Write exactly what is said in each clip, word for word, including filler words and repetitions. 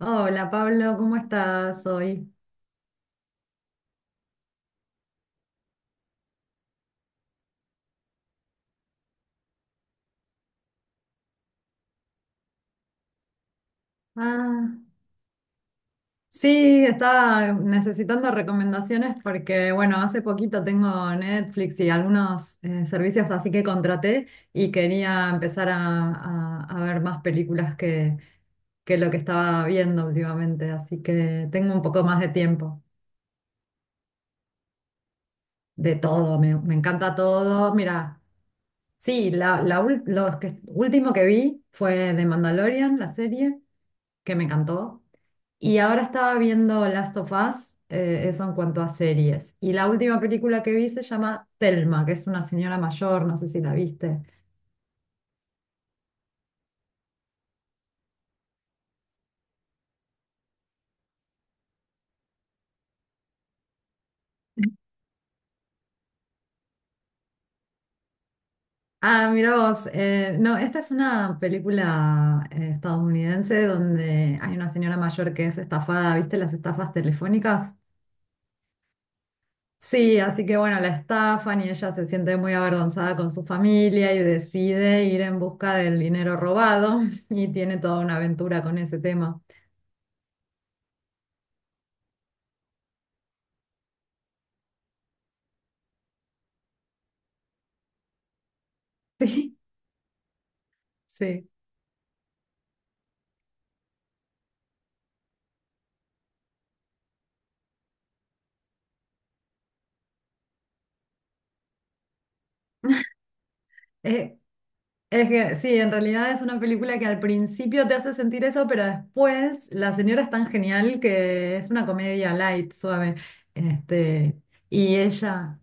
Hola Pablo, ¿cómo estás hoy? Ah, sí, estaba necesitando recomendaciones porque, bueno, hace poquito tengo Netflix y algunos eh, servicios así que contraté y quería empezar a, a- a ver más películas que, que lo que estaba viendo últimamente, así que tengo un poco más de tiempo. De todo, me, me encanta todo. Mira, sí, la, la ul- lo que- último que vi fue The Mandalorian, la serie, que me encantó. Y ahora estaba viendo Last of Us, eh, eso en cuanto a series. Y la última película que vi se llama Thelma, que es una señora mayor, no sé si la viste. Ah, mira vos, eh, no, esta es una película eh, estadounidense donde hay una señora mayor que es estafada. ¿Viste las estafas telefónicas? Sí, así que bueno, la estafan y ella se siente muy avergonzada con su familia y decide ir en busca del dinero robado y tiene toda una aventura con ese tema. Sí, sí. Eh, Es que sí, en realidad es una película que al principio te hace sentir eso, pero después la señora es tan genial que es una comedia light, suave. Este, y ella,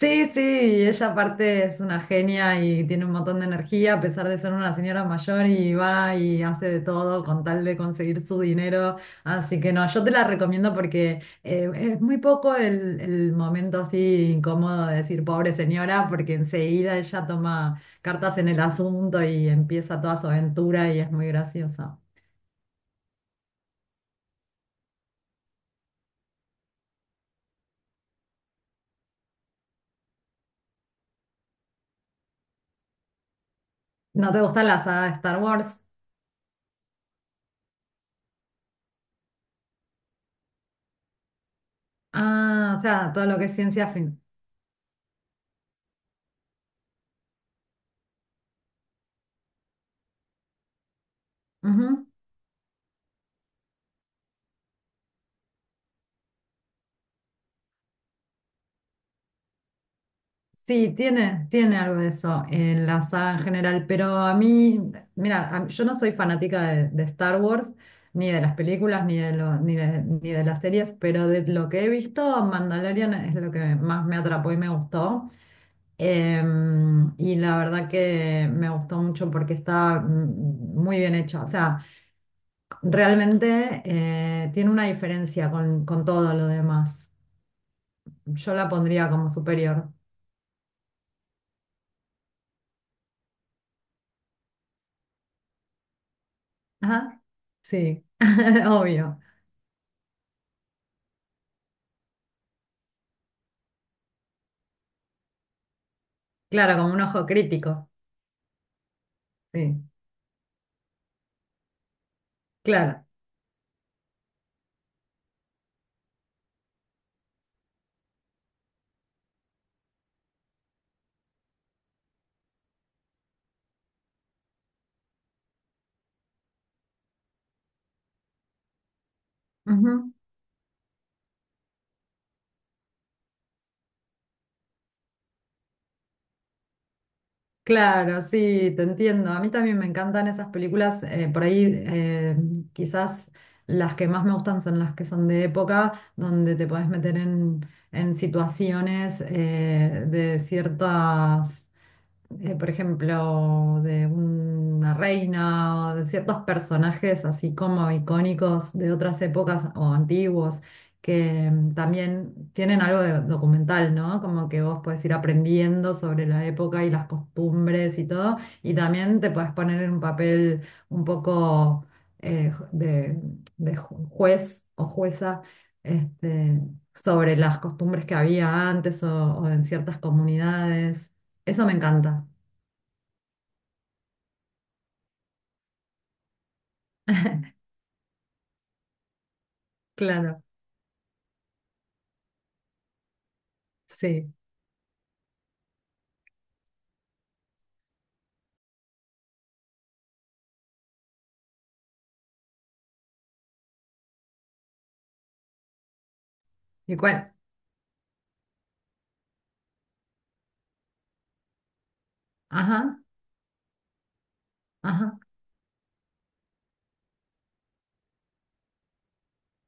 Sí, sí, y ella aparte es una genia y tiene un montón de energía, a pesar de ser una señora mayor, y va y hace de todo con tal de conseguir su dinero. Así que no, yo te la recomiendo porque eh, es muy poco el, el momento así incómodo de decir pobre señora, porque enseguida ella toma cartas en el asunto y empieza toda su aventura y es muy graciosa. ¿No te gusta la saga de Star Wars? Ah, o sea, todo lo que es ciencia ficción. Sí, tiene, tiene algo de eso en la saga en general, pero a mí, mira, a yo no soy fanática de, de Star Wars, ni de las películas, ni de, lo- ni de, ni de las series, pero de lo que he visto, Mandalorian es lo que más me atrapó y me gustó. Em, y la verdad que me gustó mucho porque está mm, muy bien hecha. O sea, realmente eh, tiene una diferencia con, con todo lo demás. Yo la pondría como superior. Ajá, sí, obvio. Claro, como un ojo crítico, sí, claro. Ujú. Claro, sí, te entiendo. A mí también me encantan esas películas, eh, por ahí eh, quizás las que más me gustan son las que son de época, donde te podés meter en, en situaciones eh, de ciertas eh, por ejemplo, de una reina o de ciertos personajes así como icónicos de otras épocas o antiguos, que mm, también tienen algo de documental, ¿no? Como que vos podés ir aprendiendo sobre la época y las costumbres y todo, y también te podés poner en un papel un poco eh, de, de ju- juez o jueza. Este, Sobre las costumbres que había antes o o en ciertas comunidades. Eso me encanta. Claro, sí. ¿Y cuál? Ajá, ajá.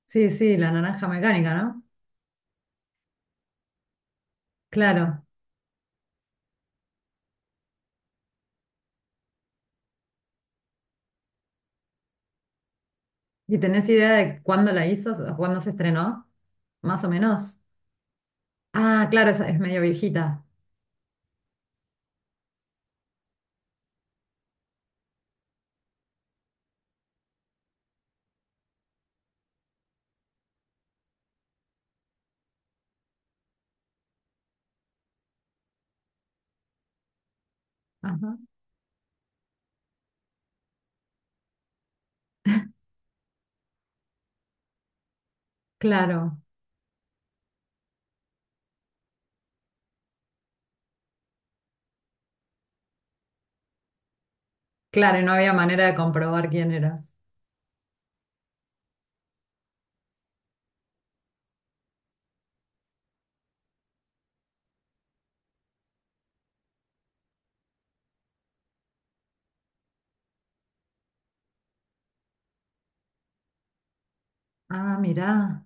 Sí, sí, La naranja mecánica, ¿no? Claro. ¿Y tenés idea de cuándo la hizo, o cuándo se estrenó? Más o menos. Ah, claro, esa es medio viejita. Ajá. Claro, claro, y no había manera de comprobar quién eras. Ah, mirá,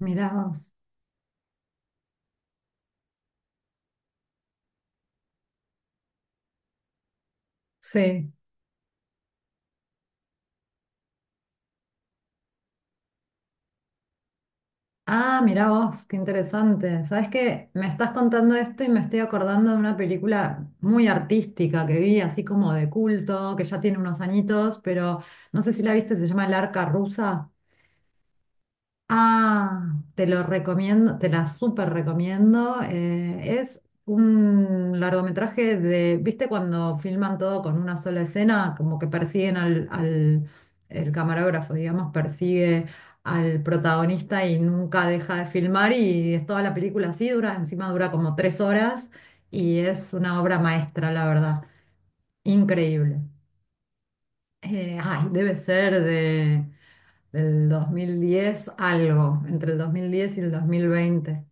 mirá vos. Sí. Ah, mirá vos, qué interesante. Sabes que me estás contando esto y me estoy acordando de una película muy artística que vi, así como de culto, que ya tiene unos añitos, pero no sé si la viste, se llama El Arca Rusa. Ah, te lo recomiendo, te la súper recomiendo. eh, es un largometraje de, ¿viste cuando filman todo con una sola escena? Como que persiguen al, al- el camarógrafo, digamos, persigue al protagonista y nunca deja de filmar, y es toda la película así, dura, encima dura como tres horas, y es una obra maestra, la verdad. Increíble. Eh, ay, debe ser de, del dos mil diez algo, entre el dos mil diez y el dos mil veinte.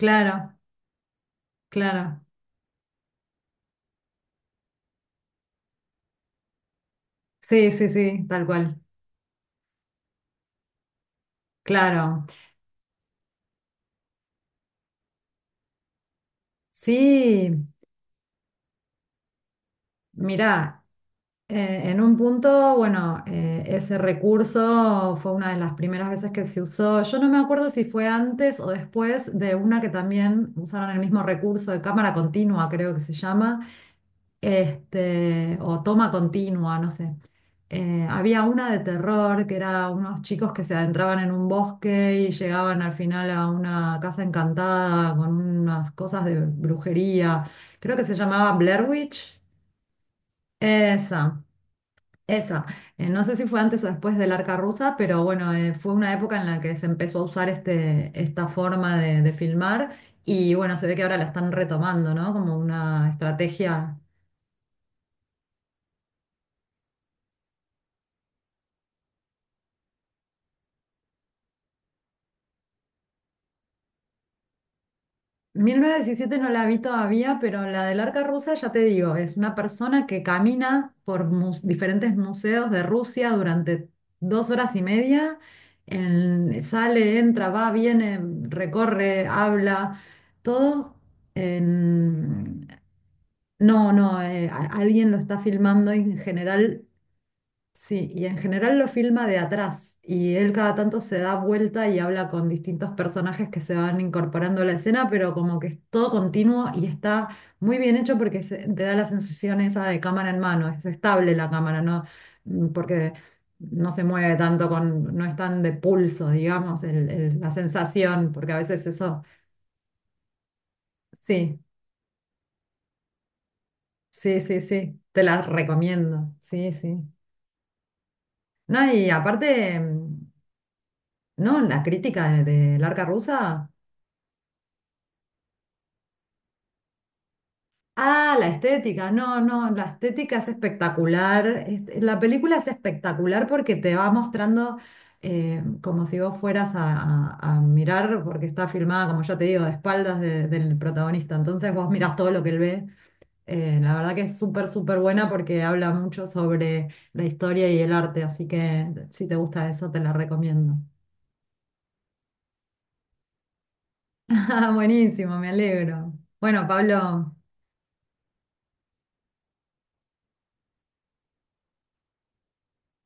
Claro, claro. Sí, sí, sí, tal cual. Claro. Sí, mirá. Eh, en un punto, bueno, eh, ese recurso fue una de las primeras veces que se usó. Yo no me acuerdo si fue antes o después de una que también usaron el mismo recurso de cámara continua, creo que se llama, este, o toma continua, no sé. Eh, había una de terror que era unos chicos que se adentraban en un bosque y llegaban al final a una casa encantada con unas cosas de brujería. Creo que se llamaba Blair Witch. Esa. Esa, eh, no sé si fue antes o después del Arca Rusa, pero bueno, eh, fue una época en la que se empezó a usar este, esta forma de, de filmar, y bueno, se ve que ahora la están retomando, ¿no? Como una estrategia. Mil novecientos diecisiete no la vi todavía, pero la del Arca Rusa, ya te digo, es una persona que camina por mu- diferentes museos de Rusia durante dos horas y media. En- sale, entra, va, viene, recorre, habla, todo en No, no, eh, a- alguien lo está filmando y en general, sí, y en general lo filma de atrás, y él cada tanto se da vuelta y habla con distintos personajes que se van incorporando a la escena, pero como que es todo continuo y está muy bien hecho porque se- te da la sensación esa de cámara en mano. Es estable la cámara, ¿no? Mm, Porque no se mueve tanto con, no es tan de pulso, digamos, el- el- la sensación, porque a veces eso, sí, sí, sí, sí, te la recomiendo, sí, sí. No, y aparte, mm, ¿no? La crítica de, de Arca Rusa. Ah, la estética. No, no, la estética es espectacular. Este, La película es espectacular porque te va mostrando eh, como si vos fueras a, a- a mirar, porque está filmada, como ya te digo, de espaldas de- del protagonista. Entonces vos mirás todo lo que él ve. Eh, la verdad que es súper, súper buena porque habla mucho sobre la historia y el arte. Así que si te gusta eso, te la recomiendo. Ah, buenísimo, me alegro. Bueno, Pablo,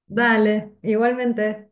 dale, igualmente.